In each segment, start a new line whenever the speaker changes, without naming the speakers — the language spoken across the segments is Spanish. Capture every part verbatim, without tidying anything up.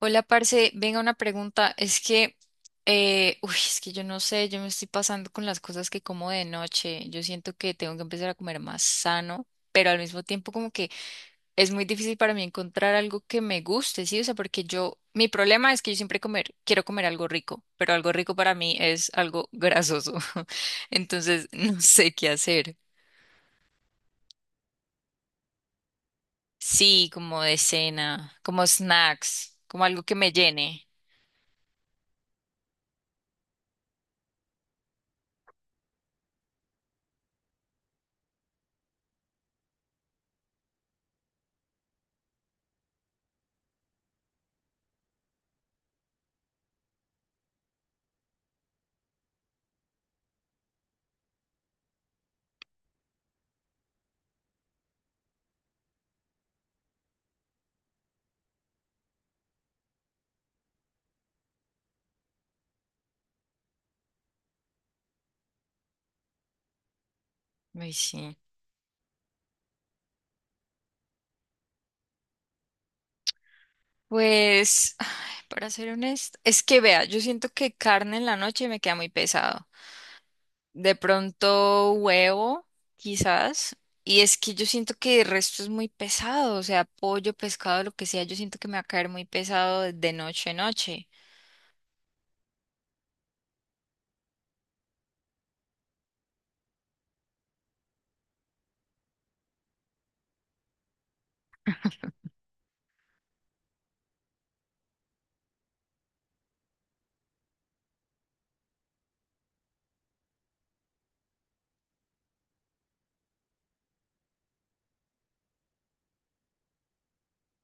Hola, parce, venga una pregunta. Es que, eh, uy, es que yo no sé, yo me estoy pasando con las cosas que como de noche. Yo siento que tengo que empezar a comer más sano, pero al mismo tiempo como que es muy difícil para mí encontrar algo que me guste, ¿sí? O sea, porque yo, mi problema es que yo siempre comer, quiero comer algo rico, pero algo rico para mí es algo grasoso. Entonces, no sé qué hacer. Sí, como de cena, como snacks, como algo que me llene. Ay, sí. Pues. Para ser honesto, es que vea, yo siento que carne en la noche me queda muy pesado. De pronto huevo, quizás. Y es que yo siento que el resto es muy pesado, o sea, pollo, pescado, lo que sea, yo siento que me va a caer muy pesado de noche a noche.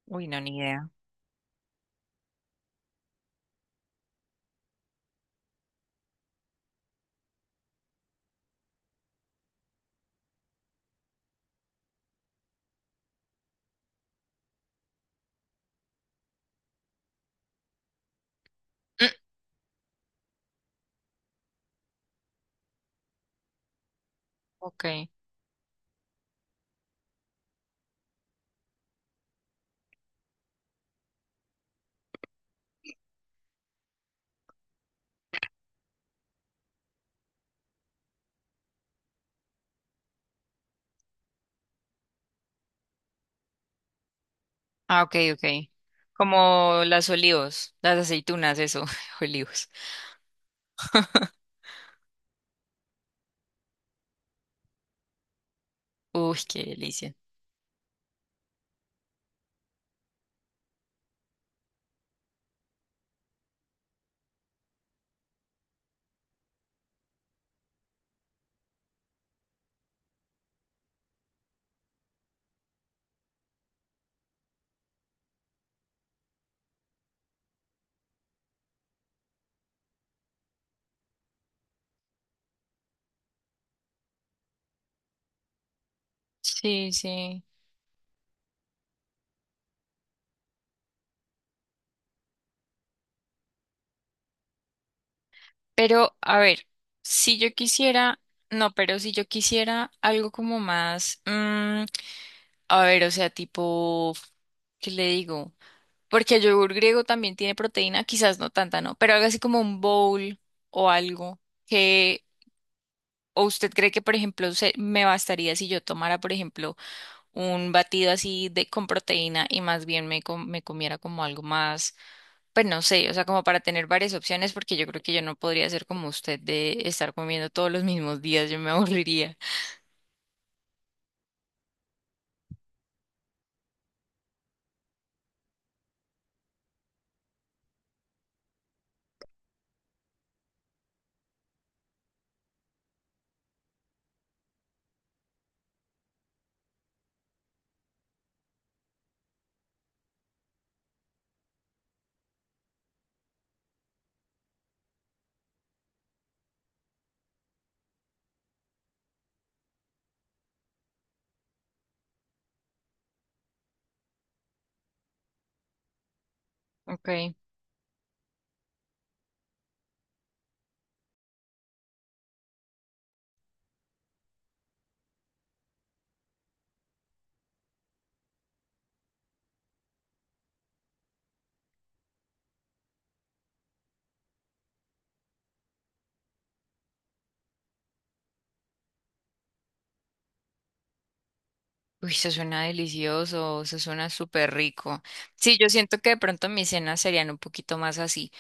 Uy, no, ni idea. Mm, ok. Ah, ok, ok. Como las olivos, las aceitunas, eso, olivos. Uy, qué delicia. Sí, sí. Pero, a ver, si yo quisiera, no, pero si yo quisiera algo como más, mm, a ver, o sea, tipo, ¿qué le digo? Porque el yogur griego también tiene proteína, quizás no tanta, ¿no? Pero algo así como un bowl o algo que, o usted cree que, por ejemplo, se, me bastaría si yo tomara, por ejemplo, un batido así de con proteína y más bien me, com- me comiera como algo más. Pues no sé, o sea, como para tener varias opciones, porque yo creo que yo no podría ser como usted de estar comiendo todos los mismos días, yo me aburriría. Okay. Uy, eso suena delicioso, eso suena súper rico. Sí, yo siento que de pronto mis cenas serían un poquito más así.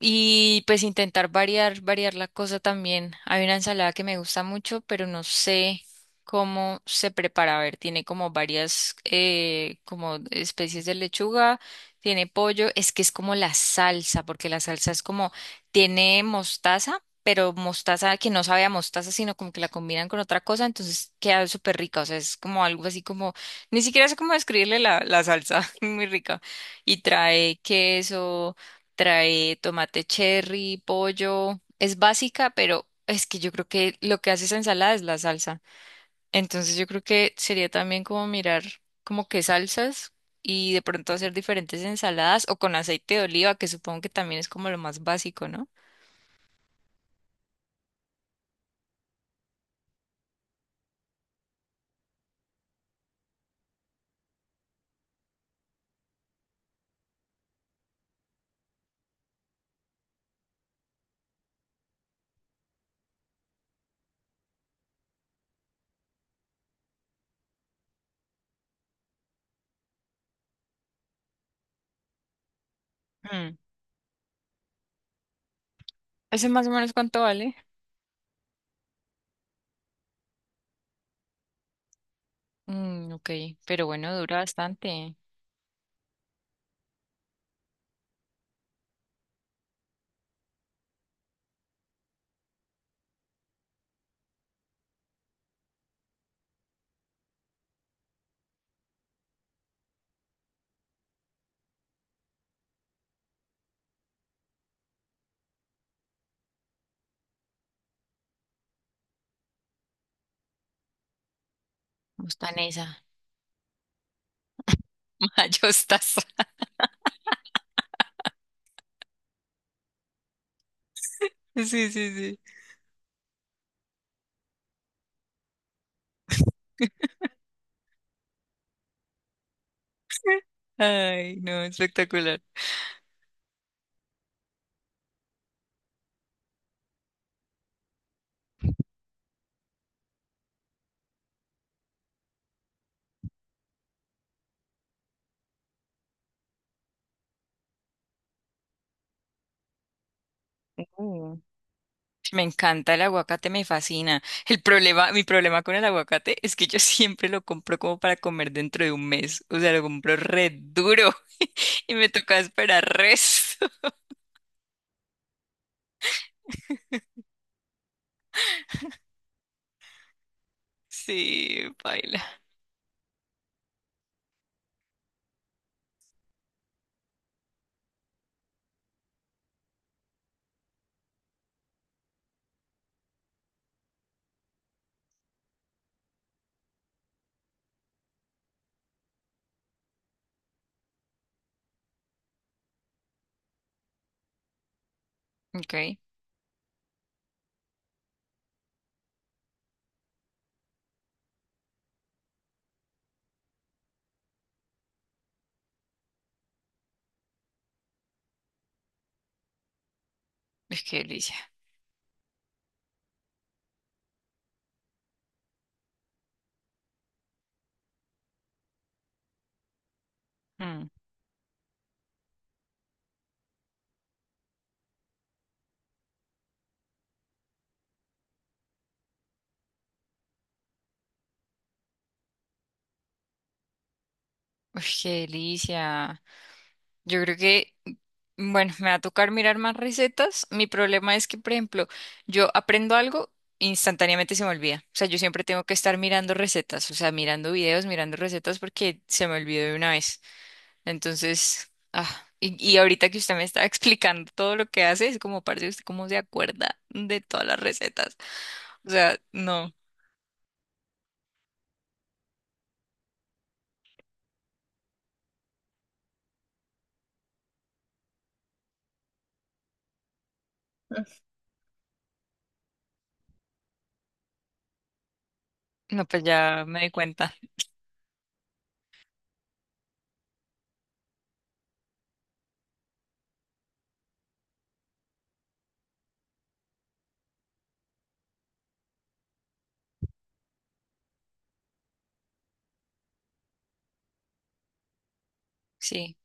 Y pues intentar variar, variar la cosa también. Hay una ensalada que me gusta mucho, pero no sé cómo se prepara. A ver, tiene como varias eh, como especies de lechuga, tiene pollo. Es que es como la salsa, porque la salsa es como, tiene mostaza, pero mostaza que no sabe a mostaza, sino como que la combinan con otra cosa, entonces queda súper rica. O sea, es como algo así como, ni siquiera sé cómo describirle la, la salsa, muy rica. Y trae queso. Trae tomate cherry, pollo. Es básica, pero es que yo creo que lo que hace esa ensalada es la salsa. Entonces yo creo que sería también como mirar como qué salsas y de pronto hacer diferentes ensaladas o con aceite de oliva, que supongo que también es como lo más básico, ¿no? Mm. ¿Ese más o menos cuánto vale? Mm, ok, pero bueno, dura bastante. Mostanesa. Mayostaza. Sí, sí, sí. Ay, no, espectacular. Mm. Me encanta el aguacate, me fascina. El problema, mi problema con el aguacate es que yo siempre lo compro como para comer dentro de un mes. O sea, lo compro re duro y me toca esperar resto. Sí, baila. Ok. Uy, qué delicia. Mm. Uy, qué delicia. Yo creo que, bueno, me va a tocar mirar más recetas. Mi problema es que, por ejemplo, yo aprendo algo, instantáneamente se me olvida. O sea, yo siempre tengo que estar mirando recetas, o sea, mirando videos, mirando recetas porque se me olvidó de una vez. Entonces, ah, y, y ahorita que usted me está explicando todo lo que hace, es como, parece usted cómo se acuerda de todas las recetas. O sea, no, no, pues ya me di cuenta. Sí,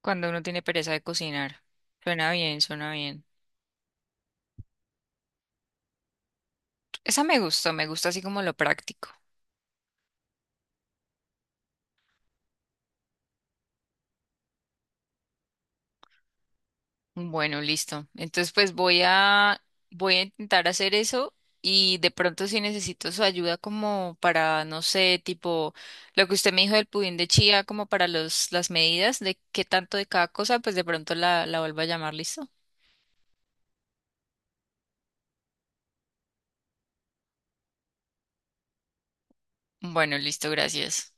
cuando uno tiene pereza de cocinar. Suena bien, suena bien. Esa me gustó, me gusta así como lo práctico. Bueno, listo. Entonces, pues voy a voy a intentar hacer eso y de pronto si necesito su ayuda como para, no sé, tipo lo que usted me dijo del pudín de chía, como para los las medidas de qué tanto de cada cosa, pues de pronto la la vuelvo a llamar, ¿listo? Bueno, listo, gracias.